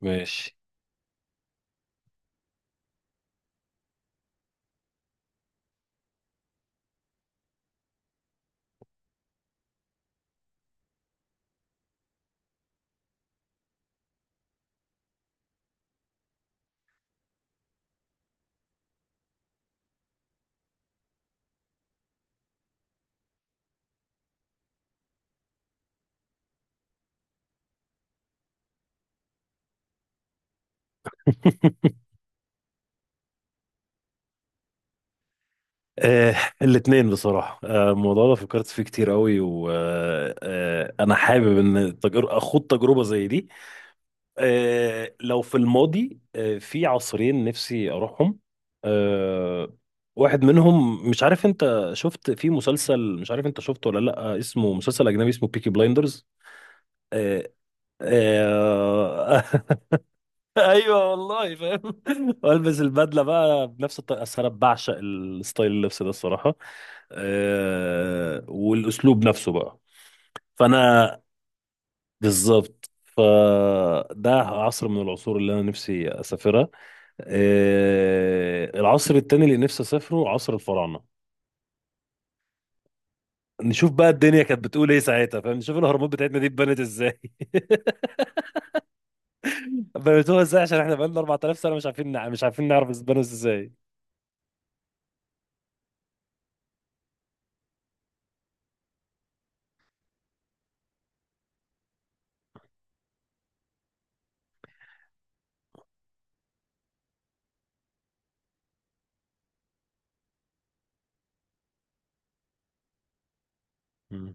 ماشي. آه الاثنين بصراحة، الموضوع ده فكرت فيه كتير قوي وأنا حابب إن أخوض تجربة زي دي. لو في الماضي، في عصرين نفسي أروحهم آه، واحد منهم مش عارف أنت شفت في مسلسل، مش عارف أنت شفته ولا لأ، اسمه مسلسل أجنبي اسمه بيكي بلايندرز آه، آه، ايوه والله فاهم. والبس البدله بقى بنفس الطريقه، أصل انا بعشق الستايل اللبس ده الصراحه. والاسلوب نفسه بقى. فانا بالظبط، فده عصر من العصور اللي انا نفسي اسافرها. العصر التاني اللي نفسي اسافره عصر الفراعنه. نشوف بقى الدنيا كانت بتقول ايه ساعتها، فاهم؟ نشوف الاهرامات بتاعتنا دي اتبنت ازاي. بنيتوها ازاي؟ عشان احنا بقالنا 4000 سنه مش عارفين نعرف اتبنت ازاي. مم.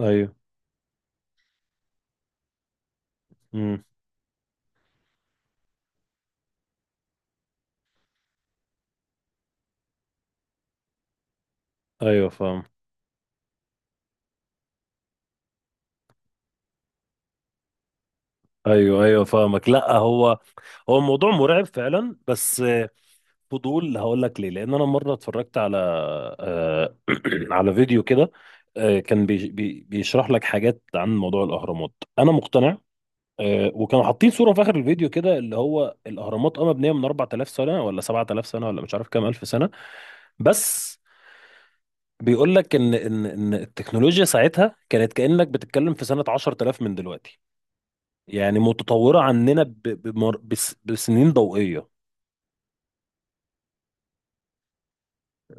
ايوه ايوه فاهم. ايوه ايوه فاهمك. لا هو الموضوع مرعب فعلا، بس، فضول. هقول لك ليه. لان انا مره اتفرجت على آه، على فيديو كده، كان بيشرح لك حاجات عن موضوع الاهرامات. انا مقتنع. وكانوا حاطين صوره في اخر الفيديو كده، اللي هو الاهرامات اه مبنيه من 4000 سنه ولا 7000 سنه ولا مش عارف كام الف سنه، بس بيقول لك ان التكنولوجيا ساعتها كانت كانك بتتكلم في سنه 10000 من دلوقتي. يعني متطورة عننا بسنين ضوئية.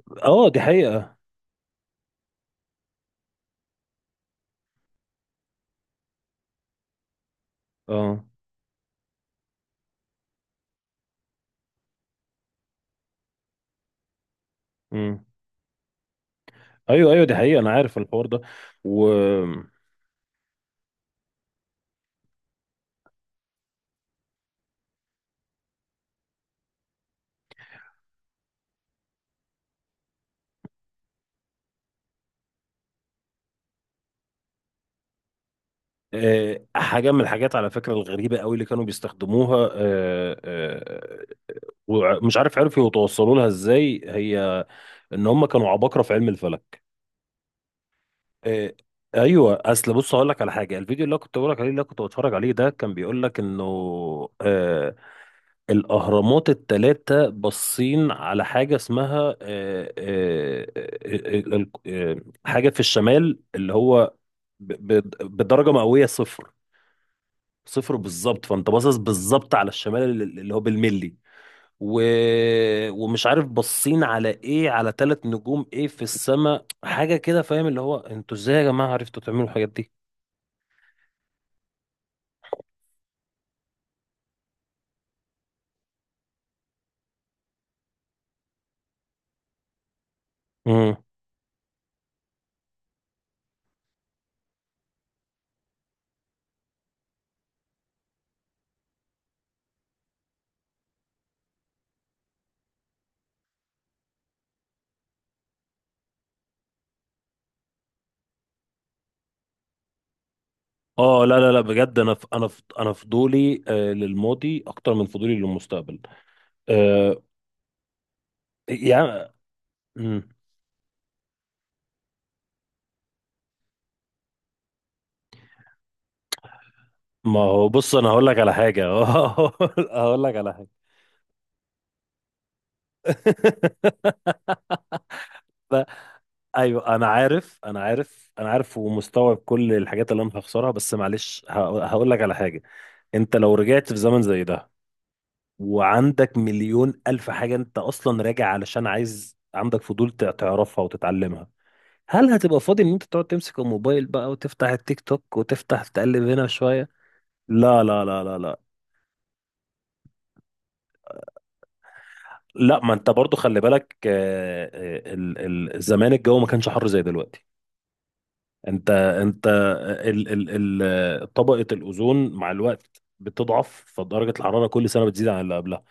اه دي حقيقة. اه. امم. ايوه ايوه دي حقيقة، انا عارف الحوار ده. و حاجة من الحاجات على فكرة الغريبة قوي اللي كانوا بيستخدموها، ومش عارف عرفوا يتوصلوا لها ازاي، هي ان هم كانوا عباقرة في علم الفلك. إيه. ايوه اصل بص هقول لك على حاجه. الفيديو اللي أنا كنت بقول لك عليه اللي أنا كنت بتفرج عليه ده كان بيقول لك انه آه الاهرامات الثلاثه باصين على حاجه اسمها حاجه في الشمال، اللي هو بدرجه مئويه صفر. صفر بالظبط. فانت باصص بالظبط على الشمال اللي هو بالملي و... ومش عارف باصين على ايه، على ثلاث نجوم ايه في السماء حاجه كده، فاهم؟ اللي هو انتوا ازاي يا جماعه عرفتوا تعملوا الحاجات دي؟ امم. اه لا لا لا بجد، انا فضولي للماضي اكتر من فضولي للمستقبل. آه. يعني مم. ما هو بص انا هقول لك على حاجه. هقول لك على حاجه. لا. ايوه انا عارف انا عارف انا عارف ومستوعب كل الحاجات اللي انا هخسرها، بس معلش هقول لك على حاجه. انت لو رجعت في زمن زي ده وعندك مليون الف حاجة انت اصلا راجع علشان عايز، عندك فضول تعرفها وتتعلمها، هل هتبقى فاضي ان انت تقعد تمسك الموبايل بقى وتفتح التيك توك وتفتح تقلب هنا شوية؟ لا لا لا لا لا. لا ما انت برضو خلي بالك آه، ال- زمان الجو ما كانش حر زي دلوقتي. انت ال طبقة الأوزون مع الوقت بتضعف، فدرجة الحرارة كل سنة بتزيد عن اللي قبلها.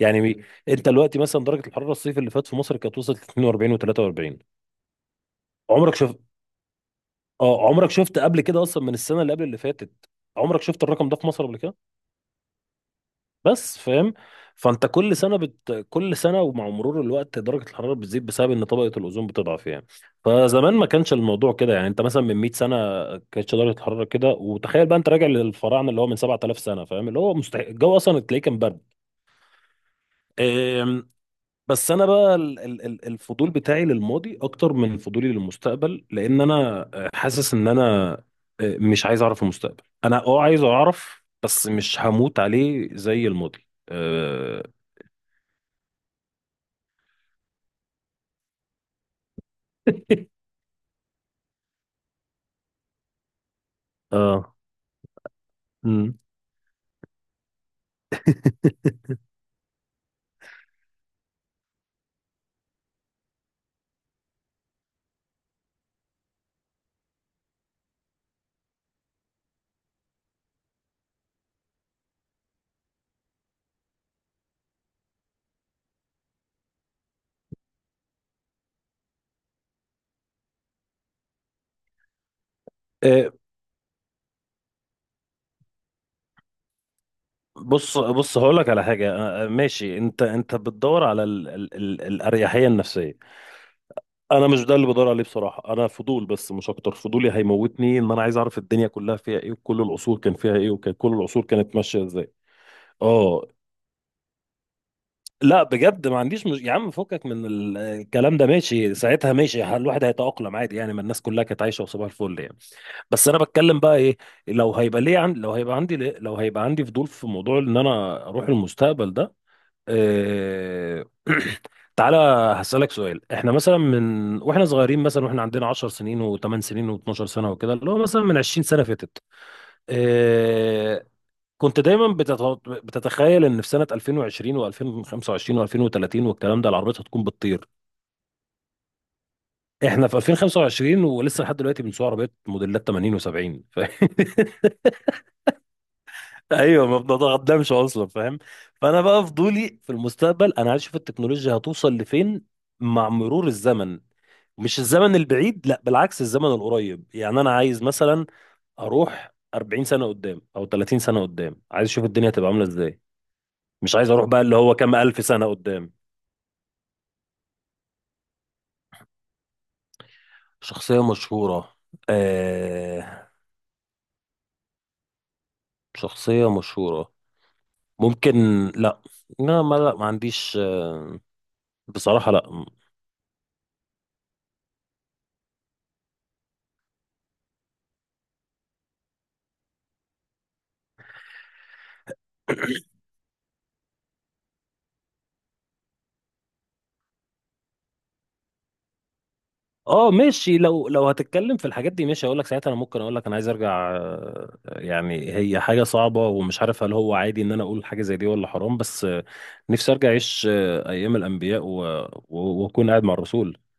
انت دلوقتي مثلا درجة الحرارة الصيف اللي فات في مصر كانت وصلت 42 و43. عمرك شفت؟ اه عمرك شفت قبل كده اصلا، من السنة اللي قبل اللي فاتت عمرك شفت الرقم ده في مصر قبل كده؟ بس فاهم. فانت كل سنه ومع مرور الوقت درجه الحراره بتزيد بسبب ان طبقه الاوزون بتضعف يعني. فزمان ما كانش الموضوع كده يعني. انت مثلا من 100 سنه كانتش درجه الحراره كده، وتخيل بقى انت راجع للفراعنه اللي هو من 7000 سنه فاهم، اللي هو مستحيل الجو اصلا، تلاقيه كان برد. أم، بس انا بقى الفضول بتاعي للماضي اكتر من فضولي للمستقبل، لان انا حاسس ان انا، مش عايز اعرف المستقبل، انا عايز اعرف بس مش هموت عليه زي الماضي. اه. امم. إيه، بص بص هقول لك على حاجه، ماشي. انت بتدور على ال الاريحيه النفسيه. انا مش ده اللي بدور عليه بصراحه، انا فضول بس مش اكتر. فضولي هيموتني، ان انا عايز اعرف الدنيا كلها فيها ايه وكل العصور كان فيها ايه، وكان كل العصور كانت ماشيه ازاي. اه لا بجد ما عنديش مش... يا عم فكك من الكلام ده، ماشي ساعتها ماشي، الواحد هيتأقلم عادي يعني، ما الناس كلها كانت عايشه وصباح الفل يعني. بس انا بتكلم بقى ايه، لو هيبقى عندي ليه، لو هيبقى عندي فضول في موضوع ان انا اروح المستقبل ده. إيه... تعالى هسألك سؤال. احنا مثلا من واحنا صغيرين مثلا واحنا عندنا 10 سنين و8 سنين و12 سنة وكده، اللي هو مثلا من 20 سنة فاتت، إيه... كنت دايما بتت... بتتخيل ان في سنة 2020 و2025 و2030 والكلام ده العربيات هتكون بتطير. احنا في 2025 ولسه لحد دلوقتي بنسوق عربيات موديلات 80 و70. ايوه ما بتتقدمش اصلا، فاهم. فانا بقى فضولي في المستقبل، انا عايز اشوف التكنولوجيا هتوصل لفين مع مرور الزمن. مش الزمن البعيد، لا بالعكس، الزمن القريب. يعني انا عايز مثلا اروح 40 سنه قدام او 30 سنه قدام، عايز اشوف الدنيا هتبقى عامله ازاي. مش عايز اروح بقى اللي هو كام الف سنه قدام. شخصيه مشهوره آه... شخصيه مشهوره، ممكن. لا، لا ما عنديش. بصراحه لا. اه ماشي، لو هتتكلم في الحاجات دي ماشي اقول لك ساعتها، انا ممكن اقول لك انا عايز ارجع. يعني هي حاجه صعبه ومش عارف هل هو عادي ان انا اقول حاجه زي دي ولا حرام، بس، نفسي ارجع اعيش ايام الانبياء واكون قاعد مع الرسول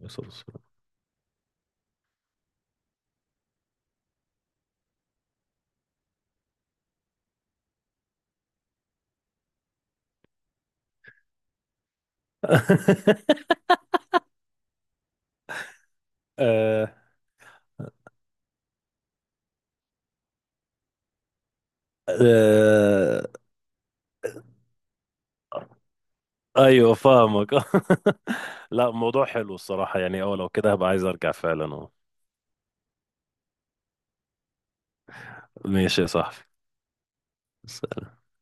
عليه الصلاة والسلام. آه آه ايوه فاهمك. لا الموضوع حلو الصراحه يعني. اه لو كده هبقى عايز ارجع فعلا، اه. ماشي يا صاحبي.